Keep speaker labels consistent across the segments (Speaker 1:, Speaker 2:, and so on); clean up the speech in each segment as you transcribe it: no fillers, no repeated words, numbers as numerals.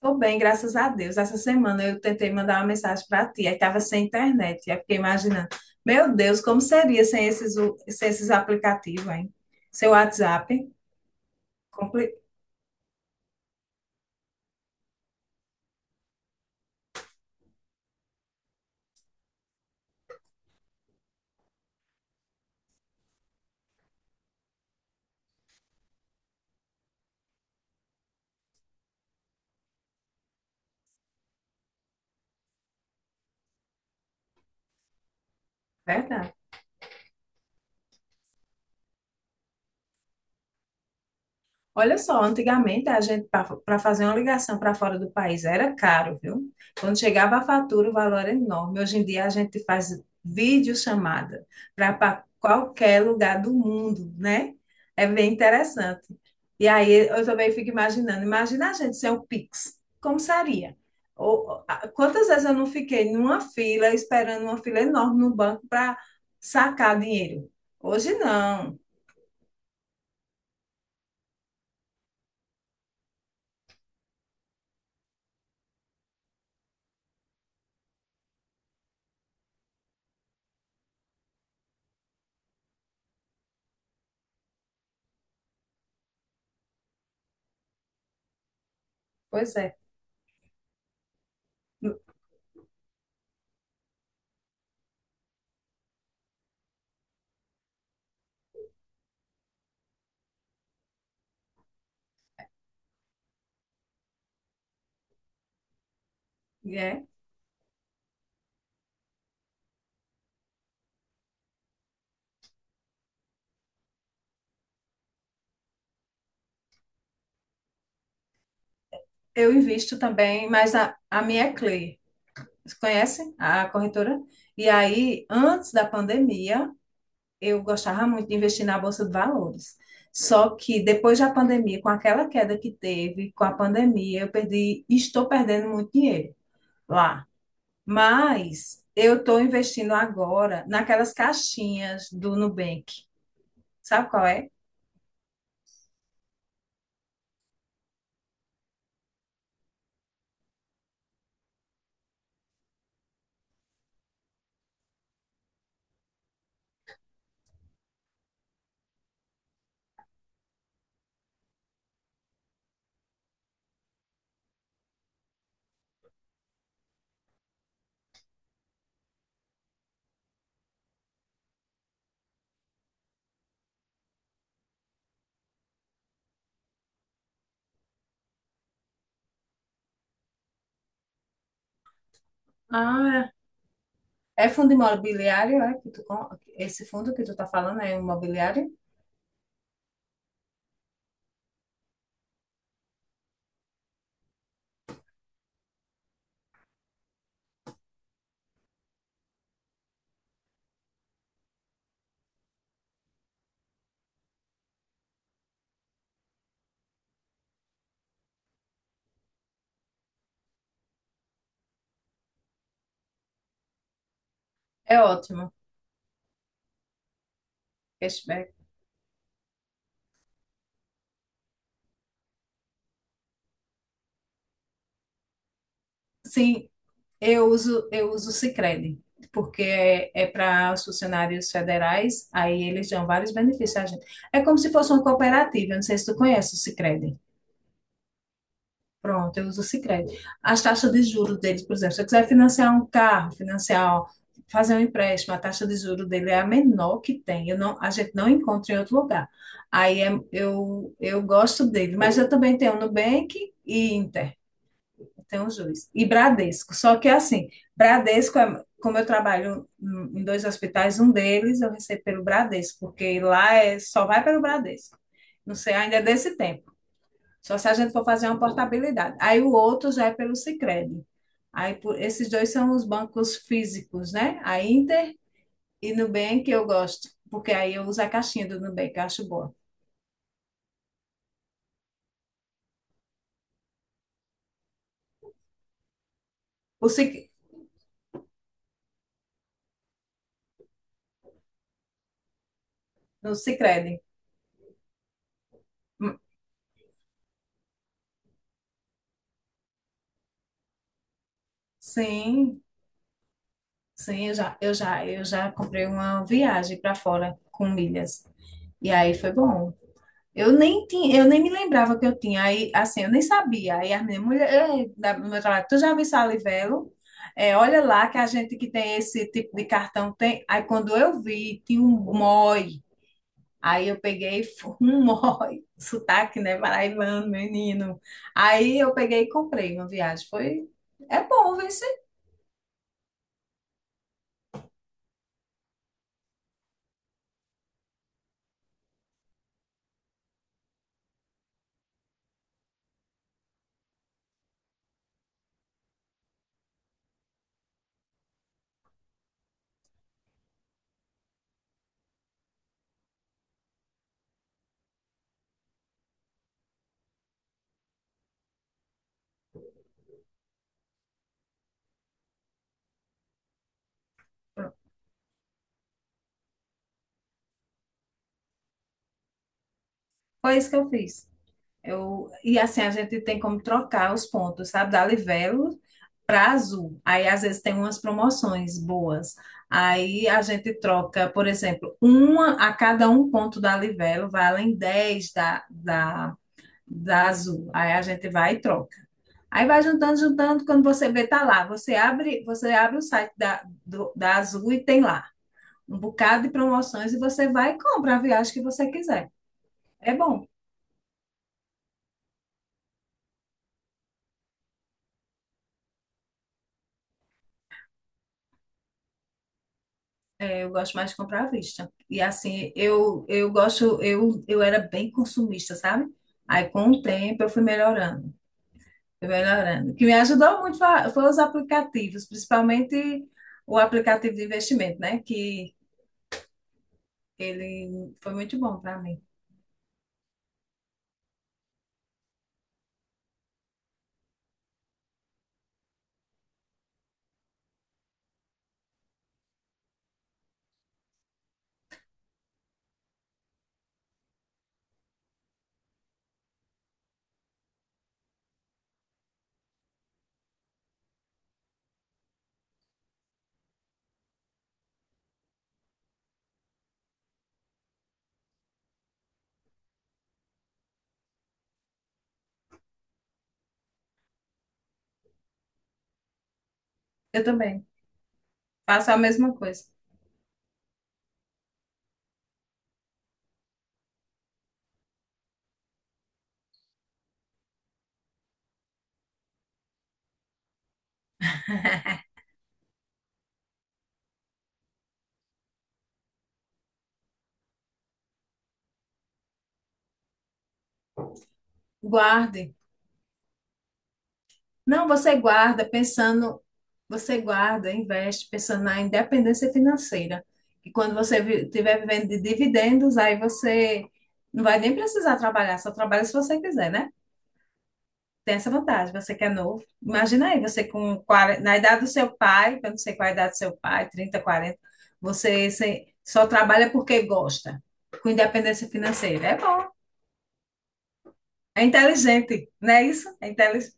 Speaker 1: Tô bem, graças a Deus. Essa semana eu tentei mandar uma mensagem para ti, aí tava sem internet. Aí fiquei imaginando, meu Deus, como seria sem esses aplicativos, hein? Seu WhatsApp. compli... Verdade. Olha só, antigamente a gente, para fazer uma ligação para fora do país, era caro, viu? Quando chegava a fatura, o valor era enorme. Hoje em dia a gente faz videochamada para qualquer lugar do mundo, né? É bem interessante. E aí eu também fico imaginando, imagina a gente sem o Pix, como seria? Ou, quantas vezes eu não fiquei numa fila, esperando uma fila enorme no banco para sacar dinheiro? Hoje não. Pois é. É. Eu invisto também, mas a minha é Clear. Você conhece a corretora? E aí, antes da pandemia, eu gostava muito de investir na Bolsa de Valores. Só que depois da pandemia, com aquela queda que teve, com a pandemia, eu perdi, estou perdendo muito dinheiro lá. Mas eu estou investindo agora naquelas caixinhas do Nubank. Sabe qual é? Ah. É fundo imobiliário. Esse fundo que tu tá falando é imobiliário? É ótimo. Sim, eu uso o Sicredi, porque é para os funcionários federais, aí eles dão vários benefícios a gente. É como se fosse uma cooperativa, eu não sei se tu conhece o Sicredi. Pronto, eu uso o Sicredi. As taxas de juros deles, por exemplo, se eu quiser financiar um carro, fazer um empréstimo, a taxa de juros dele é a menor que tem. Eu não, A gente não encontra em outro lugar. Aí eu gosto dele, mas eu também tenho Nubank e Inter. Tem os dois. E Bradesco. Só que assim, Bradesco, como eu trabalho em dois hospitais, um deles eu recebo pelo Bradesco, porque lá é, só vai pelo Bradesco. Não sei, ainda é desse tempo. Só se a gente for fazer uma portabilidade. Aí o outro já é pelo Sicredi. Aí esses dois são os bancos físicos, né? A Inter e Nubank eu gosto, porque aí eu uso a caixinha do Nubank, eu acho boa. O Sic, no Sicredi. Hum, Sim, sim, eu já comprei uma viagem para fora com milhas. E aí foi bom. Eu nem me lembrava que eu tinha. Aí, assim, eu nem sabia. Aí a minha mulher: "Ei, do meu trabalho, tu já viu Salivelo? É, olha lá que a gente que tem esse tipo de cartão tem." Aí quando eu vi, tinha um MOI. Aí eu peguei um MOI, sotaque, né, paraibano, menino. Aí eu peguei e comprei uma viagem. Foi, é bom, viu? Foi isso que eu fiz. E assim, a gente tem como trocar os pontos, sabe? Da Livelo para Azul. Aí, às vezes, tem umas promoções boas. Aí, a gente troca, por exemplo, uma a cada um ponto da Livelo, vai além 10 da Azul. Aí, a gente vai e troca. Aí, vai juntando, juntando. Quando você vê, tá lá. Você abre o site da Azul e tem lá um bocado de promoções e você vai e compra a viagem que você quiser. É bom. Eu gosto mais de comprar à vista. E assim, eu era bem consumista, sabe? Aí com o tempo eu fui melhorando, fui melhorando. O que me ajudou muito foi os aplicativos, principalmente o aplicativo de investimento, né? Que ele foi muito bom para mim. Eu também faço a mesma coisa. Guarde. Não, você guarda, investe pensando na independência financeira. E quando você tiver vivendo de dividendos, aí você não vai nem precisar trabalhar, só trabalha se você quiser, né? Tem essa vantagem, você que é novo. Imagina aí, você com 40, na idade do seu pai, eu não sei qual é a idade do seu pai, 30, 40, você só trabalha porque gosta, com independência financeira. É bom, é inteligente, não é isso? É inteligente.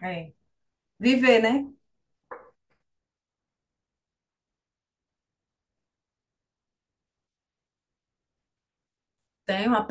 Speaker 1: É. Viver, né? Tem uma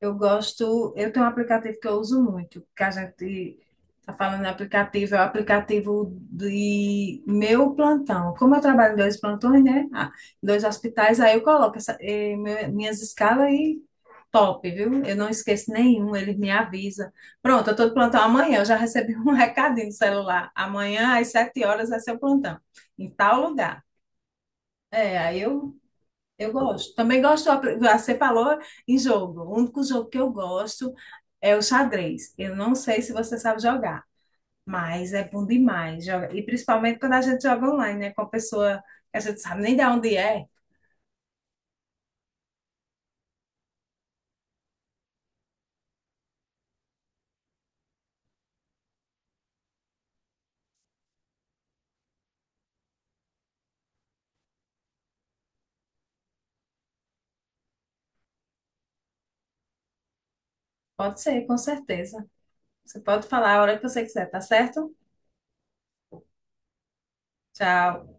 Speaker 1: Eu gosto, eu tenho um aplicativo que eu uso muito, que a gente está falando de aplicativo, é o aplicativo de meu plantão. Como eu trabalho em dois plantões, né? Ah, em dois hospitais, aí eu coloco minhas escalas e top, viu? Eu não esqueço nenhum, ele me avisa. Pronto, eu estou de plantão amanhã, eu já recebi um recadinho no celular. Amanhã, às 7 horas, é seu plantão, em tal lugar. É, aí eu gosto. Também gosto, você falou em jogo. O único jogo que eu gosto é o xadrez. Eu não sei se você sabe jogar, mas é bom demais. E principalmente quando a gente joga online, né? Com a pessoa que a gente sabe nem de onde é. Pode ser, com certeza. Você pode falar a hora que você quiser, tá certo? Tchau.